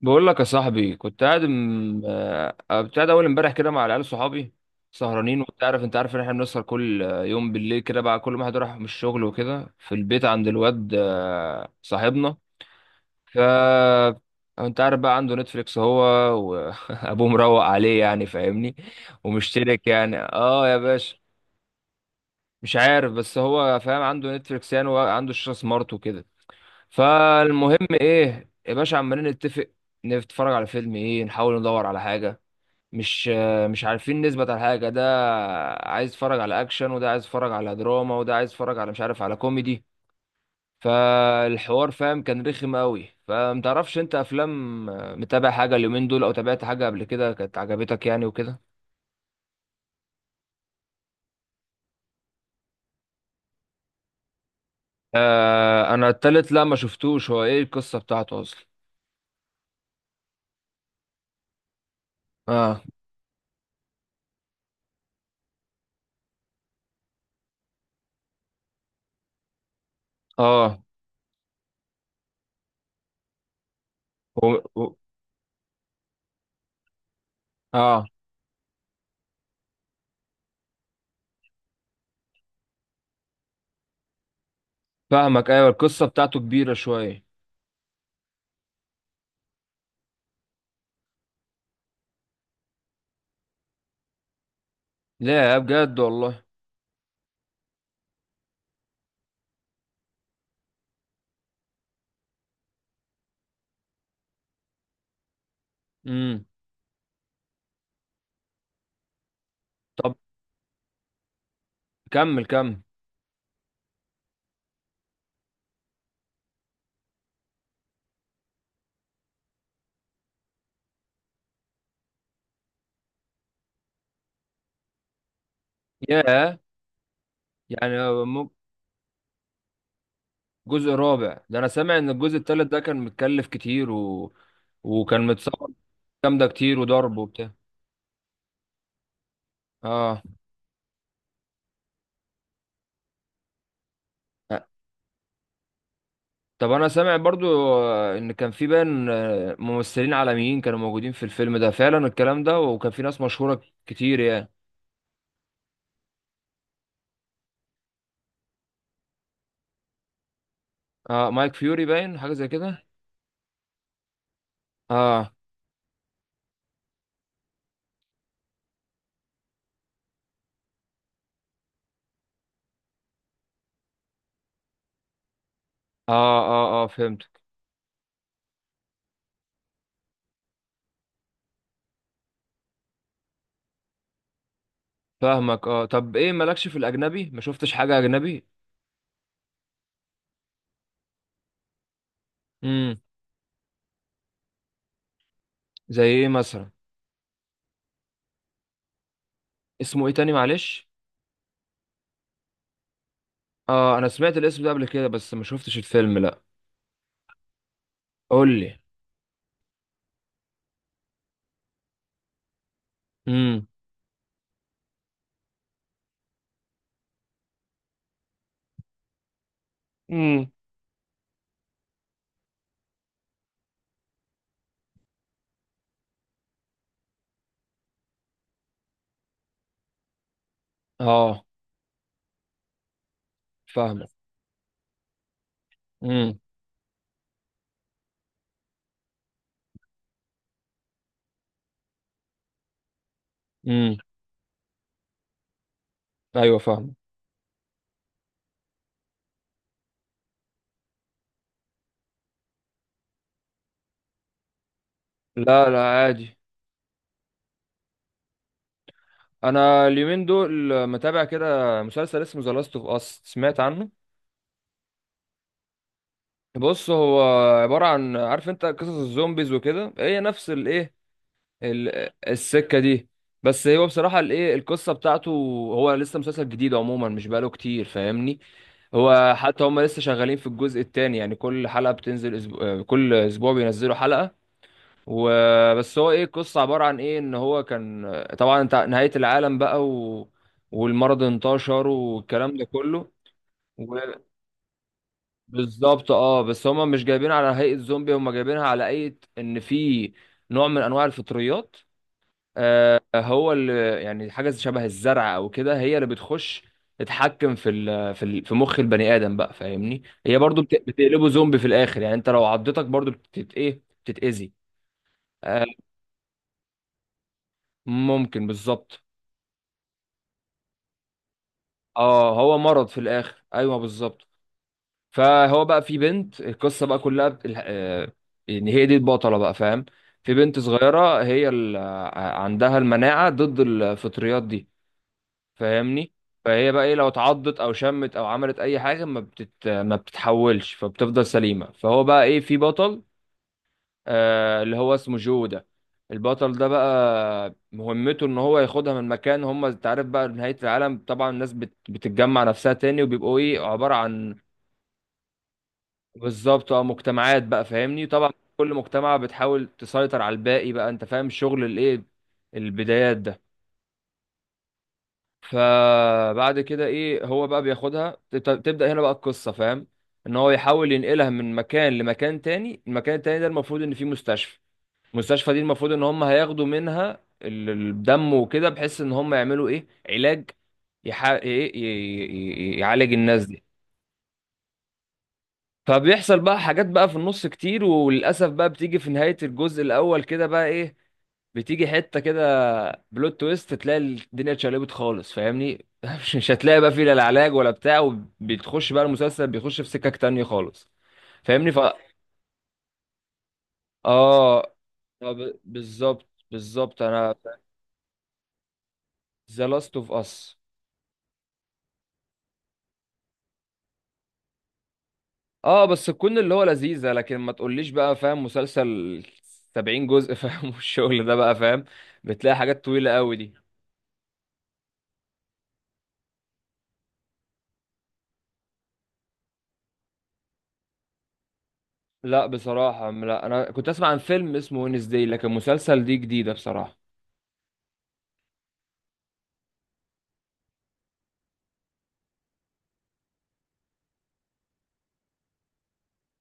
بقول لك يا صاحبي، كنت قاعد م... آه، كنت قاعد اول امبارح كده مع العيال صحابي سهرانين. وانت عارف ان احنا بنسهر كل يوم بالليل كده. بقى كل واحد راح من الشغل وكده في البيت عند الواد صاحبنا. ف انت عارف بقى عنده نتفليكس، هو وابوه مروق عليه يعني، فاهمني. ومشترك يعني، اه يا باشا، مش عارف، بس هو فاهم عنده نتفليكس يعني، وعنده شاشة سمارت. فالمهم ايه يا باشا، عمالين نتفق نتفرج على فيلم ايه، نحاول ندور على حاجه. مش مش عارفين نثبت على حاجه. ده عايز اتفرج على اكشن، وده عايز اتفرج على دراما، وده عايز اتفرج على مش عارف، على كوميدي. فالحوار، فاهم، كان رخم قوي. فمتعرفش انت افلام، متابع حاجه اليومين دول، او تابعت حاجه قبل كده كانت عجبتك يعني وكده؟ آه، انا التالت لا ما شفتوش، هو ايه القصه بتاعته اصلا؟ اه. اه. و... و... اه. فاهمك، ايوه، القصه بتاعته كبيره شويه. لا بجد والله. امم. طب كمل كمل. يا يعني مم- جزء رابع ده، انا سامع ان الجزء التالت ده كان متكلف كتير و... وكان متصور. جامده كتير، وضرب وبتاع. اه. طب انا سامع برضو ان كان في بان آه، ممثلين عالميين كانوا موجودين في الفيلم ده فعلا، الكلام ده، وكان في ناس مشهوره كتير يعني. اه، مايك فيوري باين، حاجه زي كده. اه اه اه اه، فهمتك. فاهمك، اه. طب ايه مالكش في الاجنبي، ما شفتش حاجه اجنبي؟ امم. زي ايه مثلا؟ اسمه ايه تاني معلش؟ اه انا سمعت الاسم ده قبل كده، بس ما شفتش الفيلم، لا. قول لي. امم. امم. اه، فاهمك. امم. امم. ايوه، فاهم. لا لا، عادي. انا اليومين دول متابع كده مسلسل اسمه ذا لاست اوف اس، سمعت عنه؟ بص هو عبارة عن، عارف انت قصص الزومبيز وكده، هي نفس الايه، السكة دي. بس هو بصراحة، الايه، القصة بتاعته، هو لسه مسلسل جديد عموما، مش بقاله كتير فاهمني. هو حتى هم لسه شغالين في الجزء الثاني، يعني كل حلقة بتنزل أسبوع، كل أسبوع بينزلوا حلقة. وبس، هو إيه القصة عبارة عن إيه؟ إن هو كان، طبعا، نهاية العالم بقى والمرض انتشر والكلام ده كله. و... بالظبط اه، بس هم مش جايبين على هيئة زومبي، هم جايبينها على هيئة إن في نوع من أنواع الفطريات هو اللي يعني، حاجه شبه الزرع او كده، هي اللي بتخش تتحكم في مخ البني ادم بقى فاهمني. هي برضو بتقلبه زومبي في الاخر، يعني انت لو عضتك برضو بتتاذي. آه، ممكن بالظبط. اه، هو مرض في الاخر، ايوه بالظبط. فهو بقى، في بنت القصه بقى كلها ان هي دي البطله بقى فاهم. في بنت صغيره، هي عندها المناعه ضد الفطريات دي فاهمني. فهي بقى ايه، لو اتعضت او شمت او عملت اي حاجه، ما بتتحولش، فبتفضل سليمه. فهو بقى ايه، في بطل آه اللي هو اسمه جو ده. البطل ده بقى مهمته ان هو ياخدها من مكان، هم انت عارف بقى نهايه العالم طبعا، الناس بتتجمع نفسها تاني، وبيبقوا ايه عباره عن، بالظبط اه، مجتمعات بقى فاهمني طبعا. كل مجتمع بتحاول تسيطر على الباقي بقى، انت فاهم شغل الايه، البدايات ده. فبعد كده ايه، هو بقى بياخدها تبدأ هنا بقى القصة فاهم، ان هو يحاول ينقلها من مكان لمكان تاني. المكان التاني ده المفروض ان فيه مستشفى. المستشفى دي المفروض ان هم هياخدوا منها الدم وكده، بحيث ان هم يعملوا ايه علاج يح... إيه، ي... ي... ي... يعالج الناس دي. فبيحصل بقى حاجات بقى في النص كتير، وللأسف بقى بتيجي في نهاية الجزء الأول كده بقى ايه، بتيجي حته كده بلوت تويست، تلاقي الدنيا اتشقلبت خالص فاهمني مش هتلاقي بقى فيه لا العلاج ولا بتاع، وبتخش بقى المسلسل بيخش في سكك تانية خالص فاهمني. ف اه طب بالظبط بالظبط انا. ذا لاست اوف اس. اه، بس تكون اللي هو لذيذه، لكن ما تقوليش بقى فاهم مسلسل 70 جزء فاهم والشغل ده بقى فاهم، بتلاقي حاجات طويله قوي دي. لا بصراحه لا، انا كنت اسمع عن فيلم اسمه وينزداي، لكن مسلسل دي جديده بصراحه.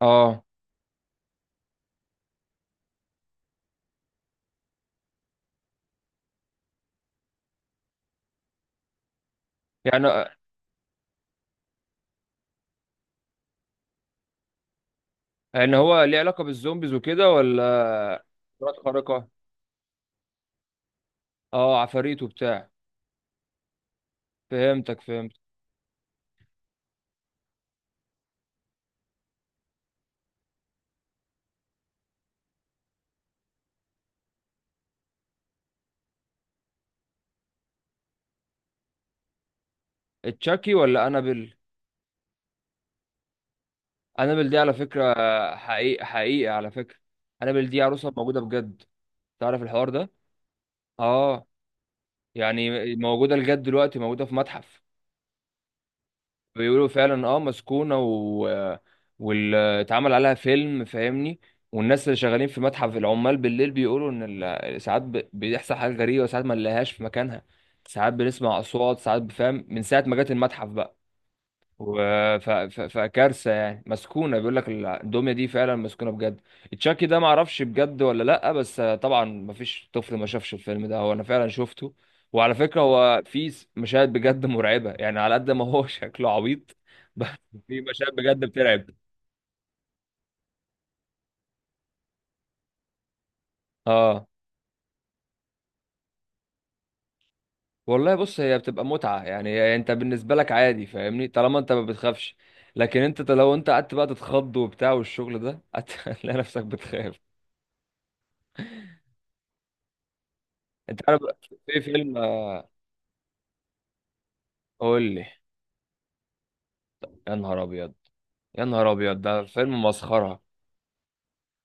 اه، يعني ان هو ليه علاقة بالزومبيز وكده ولا؟ قدرات خارقة، اه، عفاريت وبتاع. فهمتك، فهمت. تشاكي ولا انابل؟ انابل دي على فكرة، حقيقة حقيقة على فكرة، انابل دي عروسة موجودة بجد. تعرف الحوار ده؟ اه، يعني موجودة لجد دلوقتي، موجودة في متحف. بيقولوا فعلا اه، مسكونة واتعمل عليها فيلم فاهمني. والناس اللي شغالين في متحف العمال بالليل بيقولوا ان بيحصل حاجات غريبة، وساعات ما نلاقيهاش في مكانها، ساعات بنسمع اصوات، ساعات بفهم من ساعة ما جت المتحف بقى. فكارثه يعني، مسكونه بيقول لك الدميه دي فعلا مسكونه بجد. تشاكي ده ما اعرفش بجد ولا لا، بس طبعا ما فيش طفل ما شافش الفيلم ده، هو انا فعلا شفته. وعلى فكره هو في مشاهد بجد مرعبه، يعني على قد ما هو شكله عبيط، بس في مشاهد بجد بترعب. اه والله، بص هي بتبقى متعه يعني، هي انت بالنسبه لك عادي فاهمني، طالما انت ما بتخافش. لكن انت لو انت قعدت بقى تتخض وبتاع والشغل ده هتلاقي نفسك بتخاف. انت عارف في فيلم؟ قول لي. يا نهار ابيض، يا نهار ابيض، ده فيلم مسخره،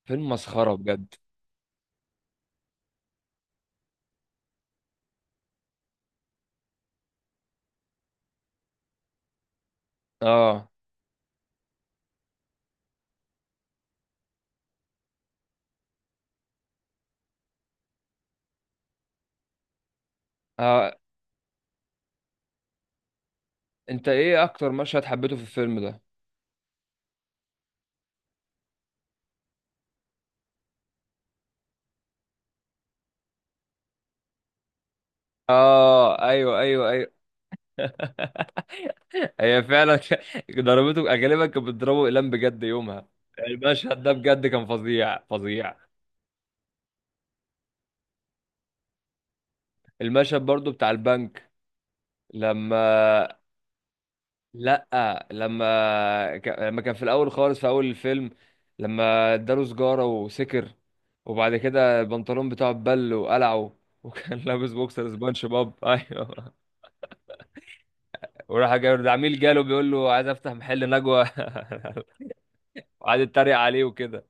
فيلم مسخره بجد. اه. آه. انت ايه اكتر مشهد حبيته في الفيلم ده؟ اه، ايوه ايوه ايوه هي فعلا ضربته، غالبا كانت بتضربه اقلام بجد يومها. المشهد ده بجد كان فظيع فظيع. المشهد برضو بتاع البنك لما، لا لما كان في الاول خالص في اول الفيلم، لما اداله سجارة وسكر. وبعد كده البنطلون بتاعه اتبل وقلعه، وكان لابس بوكسر سبونج بوب ايوه. وراح جاي ده عميل جاله بيقول له عايز افتح محل نجوى وقعد يتريق عليه وكده.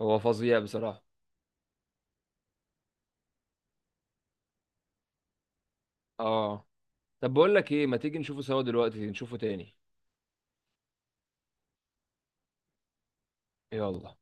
هو فظيع بصراحة. اه طب بقول لك ايه، ما تيجي نشوفه سوا دلوقتي، نشوفه تاني. يلا.